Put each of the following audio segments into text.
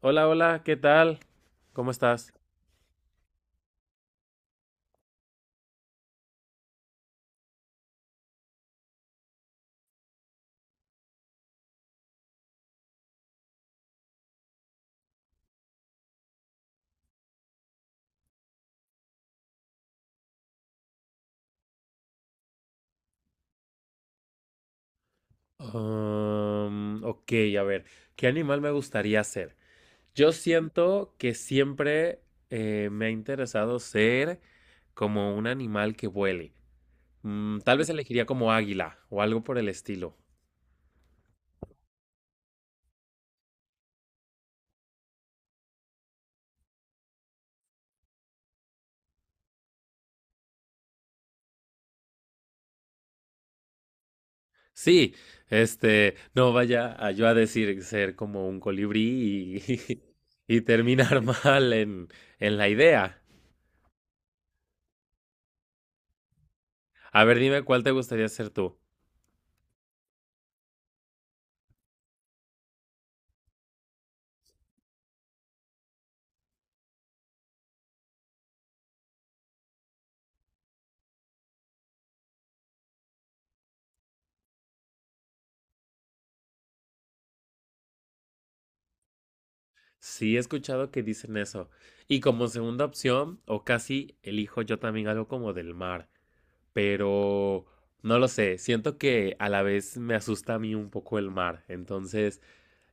Hola, hola, ¿qué tal? ¿Cómo estás? Ok, a ver, ¿qué animal me gustaría ser? Yo siento que siempre me ha interesado ser como un animal que vuele. Mm, tal vez elegiría como águila o algo por el estilo. Sí, este, no vaya a yo a decir ser como un colibrí y, y terminar mal en la idea. A ver, dime cuál te gustaría ser tú. Sí, he escuchado que dicen eso. Y como segunda opción, o casi elijo yo también algo como del mar, pero no lo sé, siento que a la vez me asusta a mí un poco el mar, entonces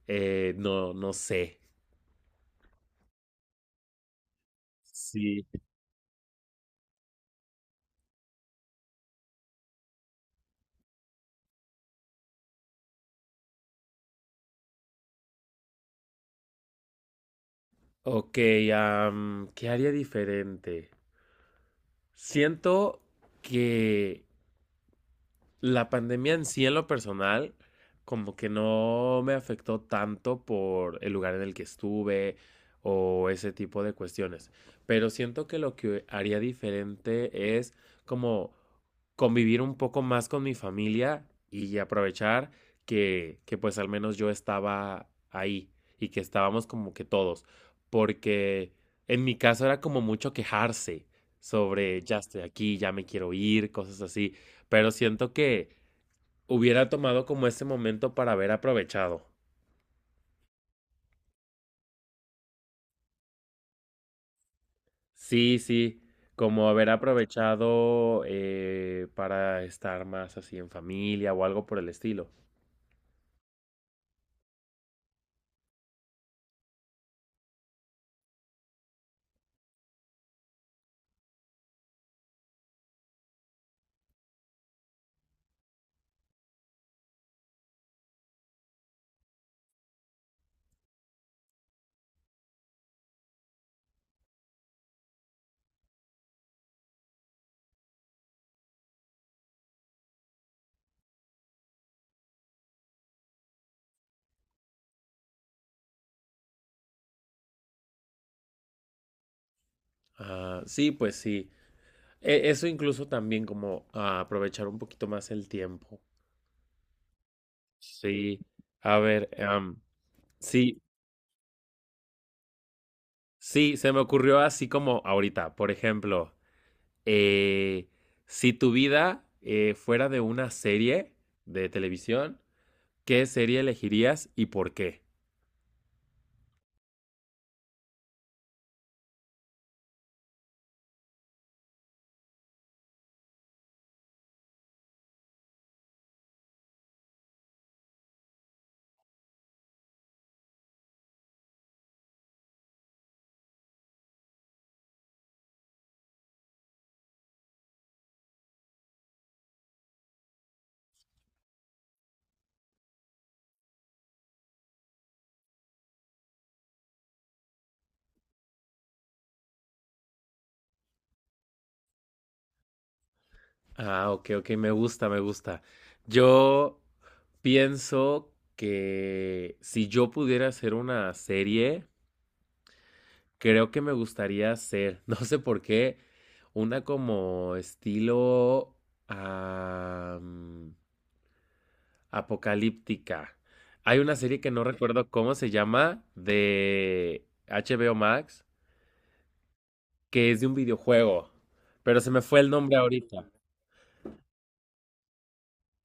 no, no sé. Sí. Ok, ¿qué haría diferente? Siento que la pandemia en sí, en lo personal, como que no me afectó tanto por el lugar en el que estuve o ese tipo de cuestiones. Pero siento que lo que haría diferente es como convivir un poco más con mi familia y aprovechar que pues al menos yo estaba ahí y que estábamos como que todos. Porque en mi caso era como mucho quejarse sobre ya estoy aquí, ya me quiero ir, cosas así, pero siento que hubiera tomado como ese momento para haber aprovechado. Sí, sí, como haber aprovechado para estar más así en familia o algo por el estilo. Ah, sí, pues sí. E- eso incluso también como ah, aprovechar un poquito más el tiempo. Sí. A ver, sí, sí, se me ocurrió así como ahorita, por ejemplo, eh, si tu vida fuera de una serie de televisión, ¿qué serie elegirías y por qué? Ah, ok, ok, me gusta, me gusta. Yo pienso que si yo pudiera hacer una serie, creo que me gustaría hacer, no sé por qué, una como estilo am, apocalíptica. Hay una serie que no recuerdo cómo se llama, de HBO Max, que es de un videojuego, pero se me fue el nombre ahorita.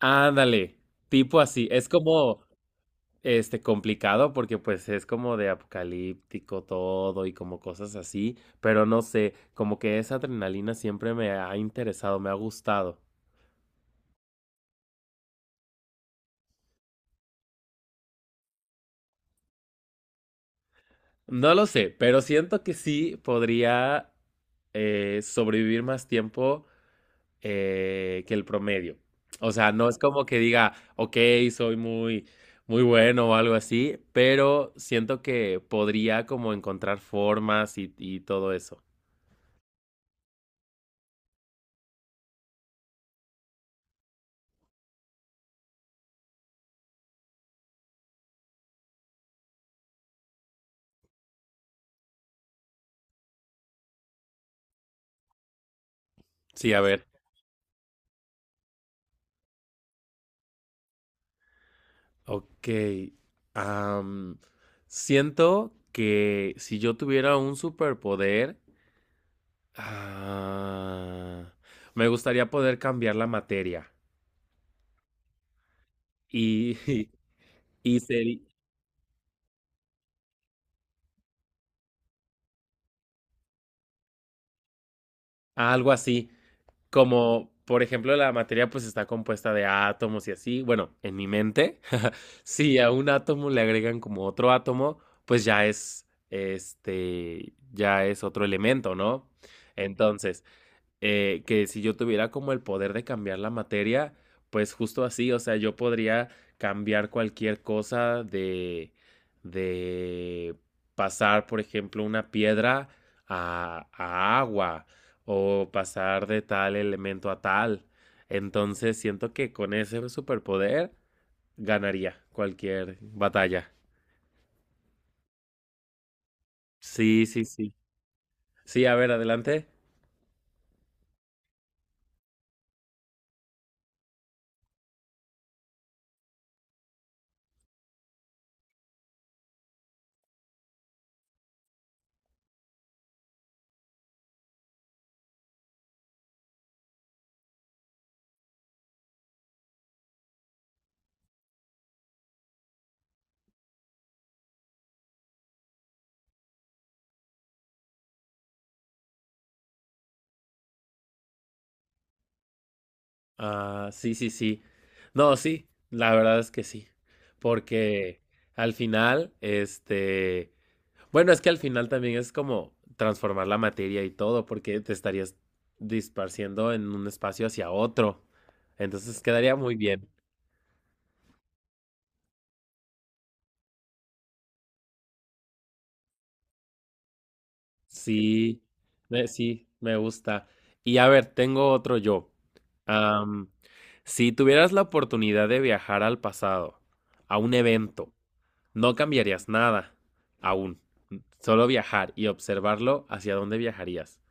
Ándale, tipo así, es como este complicado porque pues es como de apocalíptico todo y como cosas así, pero no sé, como que esa adrenalina siempre me ha interesado, me ha gustado. No lo sé, pero siento que sí podría sobrevivir más tiempo que el promedio. O sea, no es como que diga, ok, soy muy, muy bueno o algo así, pero siento que podría como encontrar formas y todo eso. Sí, a ver. Ok. am, siento que si yo tuviera un superpoder, ah, me gustaría poder cambiar la materia. Y, y ser algo así, como, por ejemplo, la materia pues está compuesta de átomos y así. Bueno, en mi mente, si a un átomo le agregan como otro átomo, pues ya es, este, ya es otro elemento, ¿no? Entonces… que si yo tuviera como el poder de cambiar la materia, pues justo así, o sea, yo podría cambiar cualquier cosa de pasar, por ejemplo, una piedra a agua o pasar de tal elemento a tal. Entonces siento que con ese superpoder ganaría cualquier batalla. Sí, sí, sí. Sí, a ver, adelante. Ah, sí, sí, sí. No, sí, la verdad es que sí. Porque al final, este, bueno, es que al final también es como transformar la materia y todo, porque te estarías disparciendo en un espacio hacia otro. Entonces quedaría muy bien. Sí, sí, me gusta. Y a ver, tengo otro yo. Am, si tuvieras la oportunidad de viajar al pasado, a un evento, no cambiarías nada, aún. Solo viajar y observarlo, hacia dónde viajarías.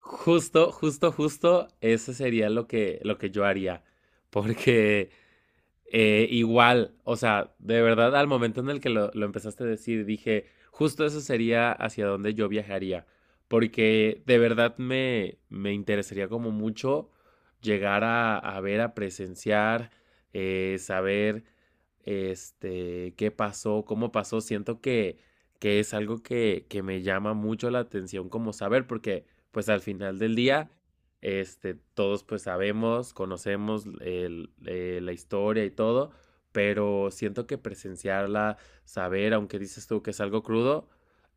Justo, justo, justo, eso sería lo que yo haría. Porque igual, o sea, de verdad, al momento en el que lo empezaste a decir, dije, justo eso sería hacia donde yo viajaría, porque de verdad me, me interesaría como mucho llegar a ver, a presenciar, saber, este, qué pasó, cómo pasó. Siento que es algo que me llama mucho la atención como saber, porque pues al final del día este, todos pues sabemos, conocemos el- la historia y todo, pero siento que presenciarla, saber, aunque dices tú que es algo crudo,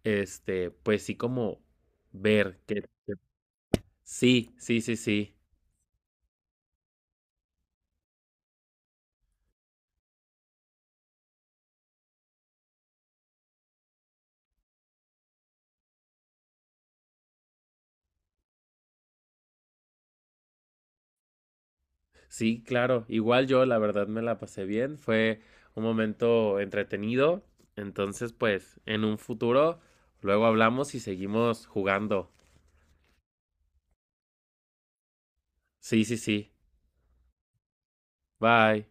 este, pues sí como ver que- sí, sí, sí, sí. Sí, claro. Igual yo la verdad me la pasé bien, fue un momento entretenido. Entonces, pues en un futuro luego hablamos y seguimos jugando. Sí, sí, sí. Bye.